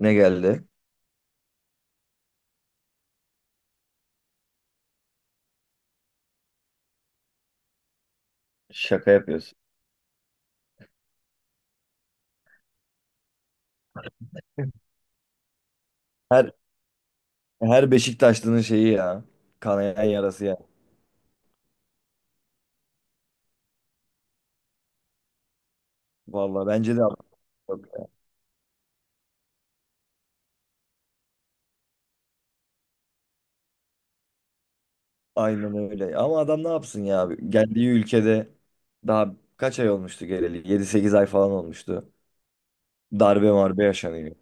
Ne geldi? Şaka yapıyorsun. Her her Beşiktaşlı'nın şeyi ya. Kanayan yarası ya. Vallahi bence de aynen öyle. Ama adam ne yapsın ya? Geldiği ülkede daha kaç ay olmuştu geleli? Yedi sekiz ay falan olmuştu. Darbe marbe yaşanıyor.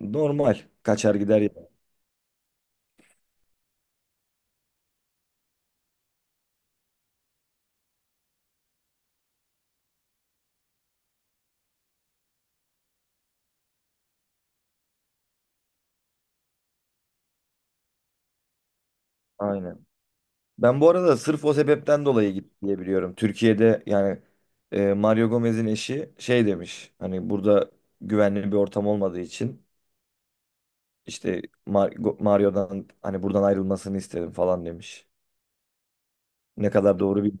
Normal. Kaçar gider ya. Aynen. Ben bu arada sırf o sebepten dolayı gitti diye biliyorum. Türkiye'de yani Mario Gomez'in eşi şey demiş. Hani burada güvenli bir ortam olmadığı için. İşte Mario'dan hani buradan ayrılmasını istedim falan demiş. Ne kadar doğru bir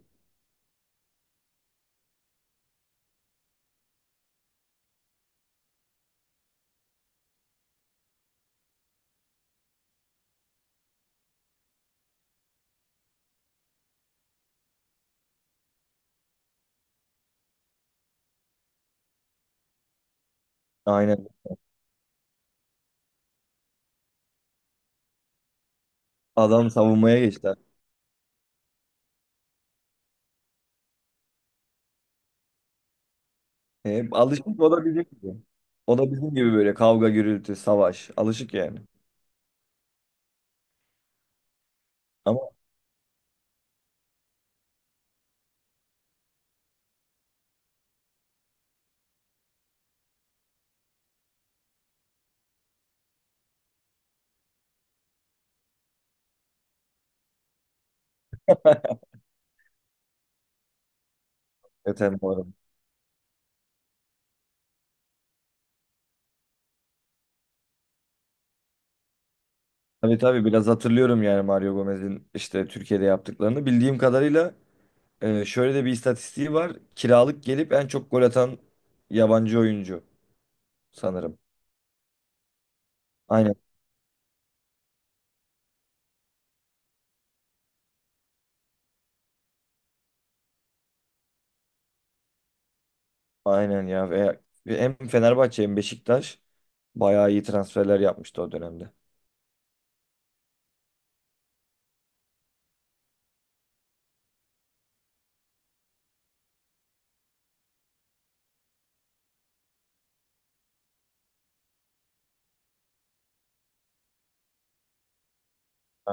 aynen, adam savunmaya geçti. Alışık o da bizim gibi. O da bizim gibi böyle kavga gürültü savaş alışık yani. Ama öten bu arada. Tabii tabii biraz hatırlıyorum yani Mario Gomez'in işte Türkiye'de yaptıklarını. Bildiğim kadarıyla şöyle de bir istatistiği var. Kiralık gelip en çok gol atan yabancı oyuncu sanırım. Aynen Aynen ya. Ve hem Fenerbahçe hem Beşiktaş bayağı iyi transferler yapmıştı o dönemde. Ha,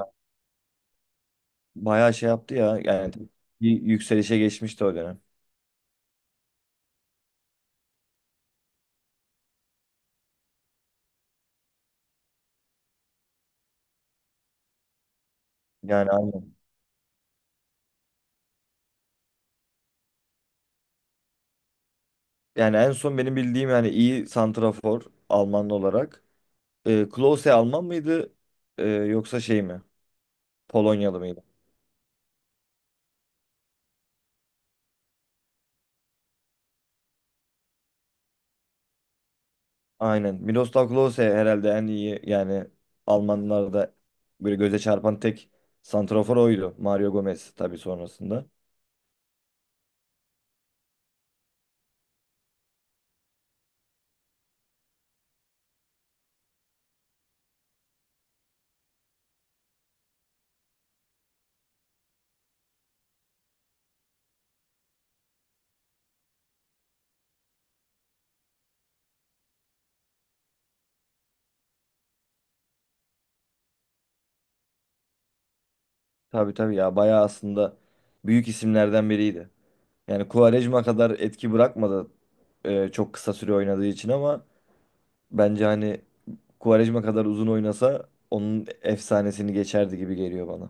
bayağı şey yaptı ya yani, bir yükselişe geçmişti o dönem. Yani aynen. Yani en son benim bildiğim yani iyi santrafor Alman olarak. E, Klose Alman mıydı? E, yoksa şey mi? Polonyalı mıydı? Aynen. Miroslav Klose herhalde en iyi yani Almanlarda böyle göze çarpan tek santrafor oydu. Mario Gomez tabii sonrasında. Tabii tabii ya, bayağı aslında büyük isimlerden biriydi. Yani Quaresma kadar etki bırakmadı çok kısa süre oynadığı için ama bence hani Quaresma kadar uzun oynasa onun efsanesini geçerdi gibi geliyor bana.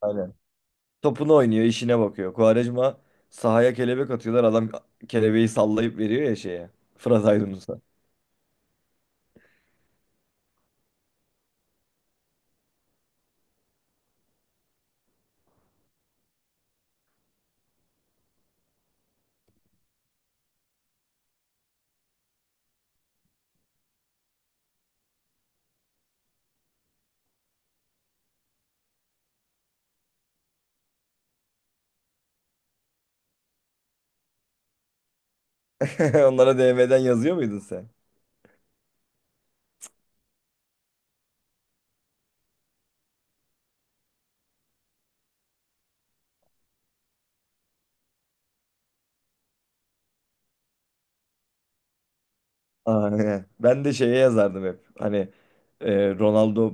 Aynen. Topunu oynuyor, işine bakıyor. Quaresma sahaya kelebek atıyorlar. Adam kelebeği sallayıp veriyor ya şeye. Fırat Aydınus'a. Onlara DM'den yazıyor muydun sen? Aynen. Ben de şeye yazardım hep. Hani Ronaldo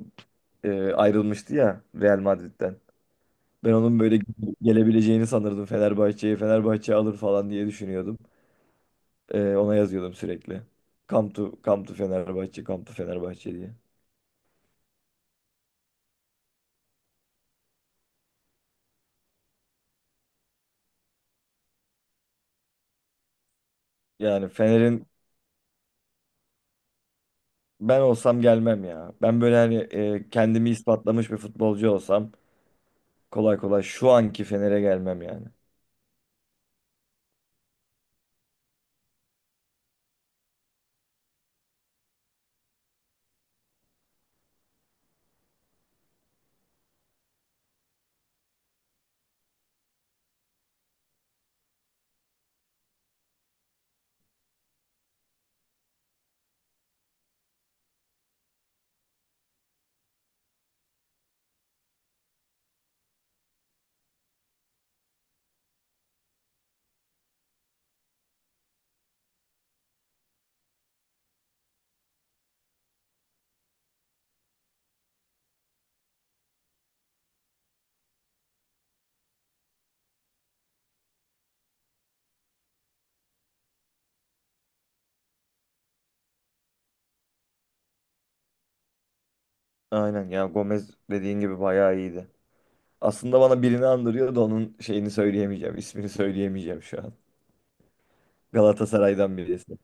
ayrılmıştı ya Real Madrid'den. Ben onun böyle gelebileceğini sanırdım Fenerbahçe'ye. Fenerbahçe alır falan diye düşünüyordum. E, ona yazıyordum sürekli. Come to, come to Fenerbahçe, come to Fenerbahçe diye. Yani Fener'in, ben olsam gelmem ya. Ben böyle hani kendimi ispatlamış bir futbolcu olsam kolay kolay şu anki Fener'e gelmem yani. Aynen ya, Gomez dediğin gibi bayağı iyiydi. Aslında bana birini andırıyor da onun şeyini söyleyemeyeceğim. İsmini söyleyemeyeceğim şu an. Galatasaray'dan birisi.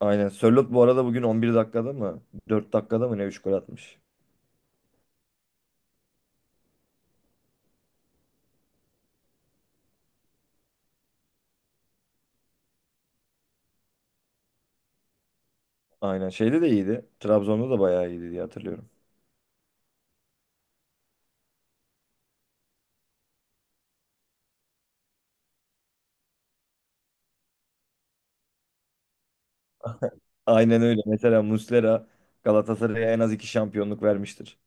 Aynen. Sörloth bu arada bugün 11 dakikada mı, 4 dakikada mı ne, 3 gol atmış. Aynen. Şeyde de iyiydi. Trabzon'da da bayağı iyiydi diye hatırlıyorum. Aynen öyle. Mesela Muslera Galatasaray'a en az 2 şampiyonluk vermiştir.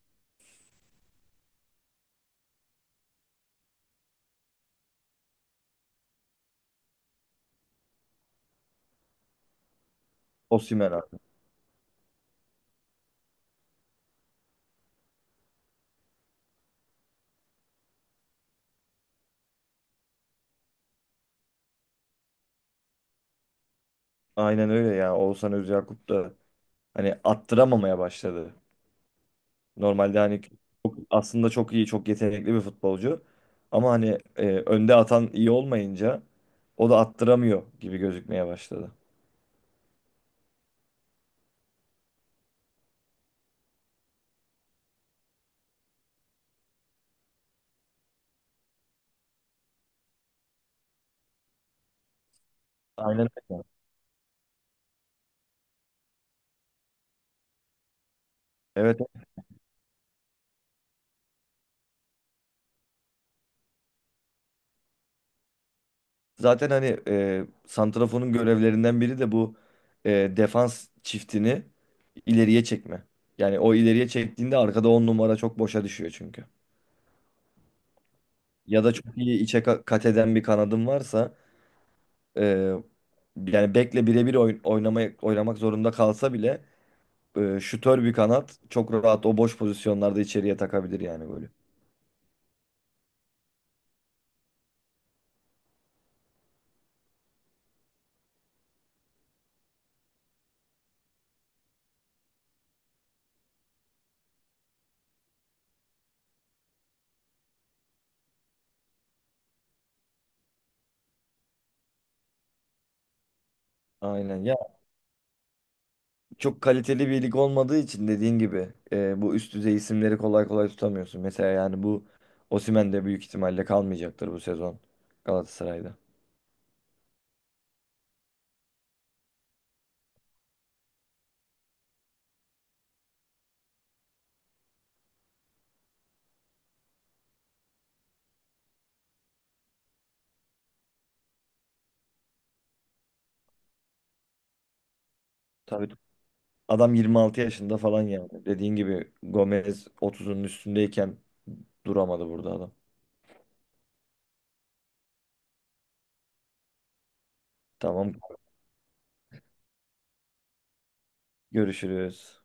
Osimhen abi. Aynen öyle ya. Oğuzhan Özyakup da hani attıramamaya başladı. Normalde hani aslında çok iyi, çok yetenekli bir futbolcu. Ama hani önde atan iyi olmayınca o da attıramıyor gibi gözükmeye başladı. Aynen öyle. Evet. Zaten hani santraforun görevlerinden biri de bu, defans çiftini ileriye çekme. Yani o ileriye çektiğinde arkada 10 numara çok boşa düşüyor çünkü. Ya da çok iyi içe kat eden bir kanadın varsa, e, yani bekle birebir oynamaya oynamak zorunda kalsa bile, şutör bir kanat çok rahat o boş pozisyonlarda içeriye takabilir yani böyle. Aynen ya, çok kaliteli bir lig olmadığı için dediğin gibi, bu üst düzey isimleri kolay kolay tutamıyorsun. Mesela yani bu Osimhen de büyük ihtimalle kalmayacaktır bu sezon Galatasaray'da. Tabii adam 26 yaşında falan yani. Dediğin gibi Gomez otuzun üstündeyken duramadı burada adam. Tamam, görüşürüz.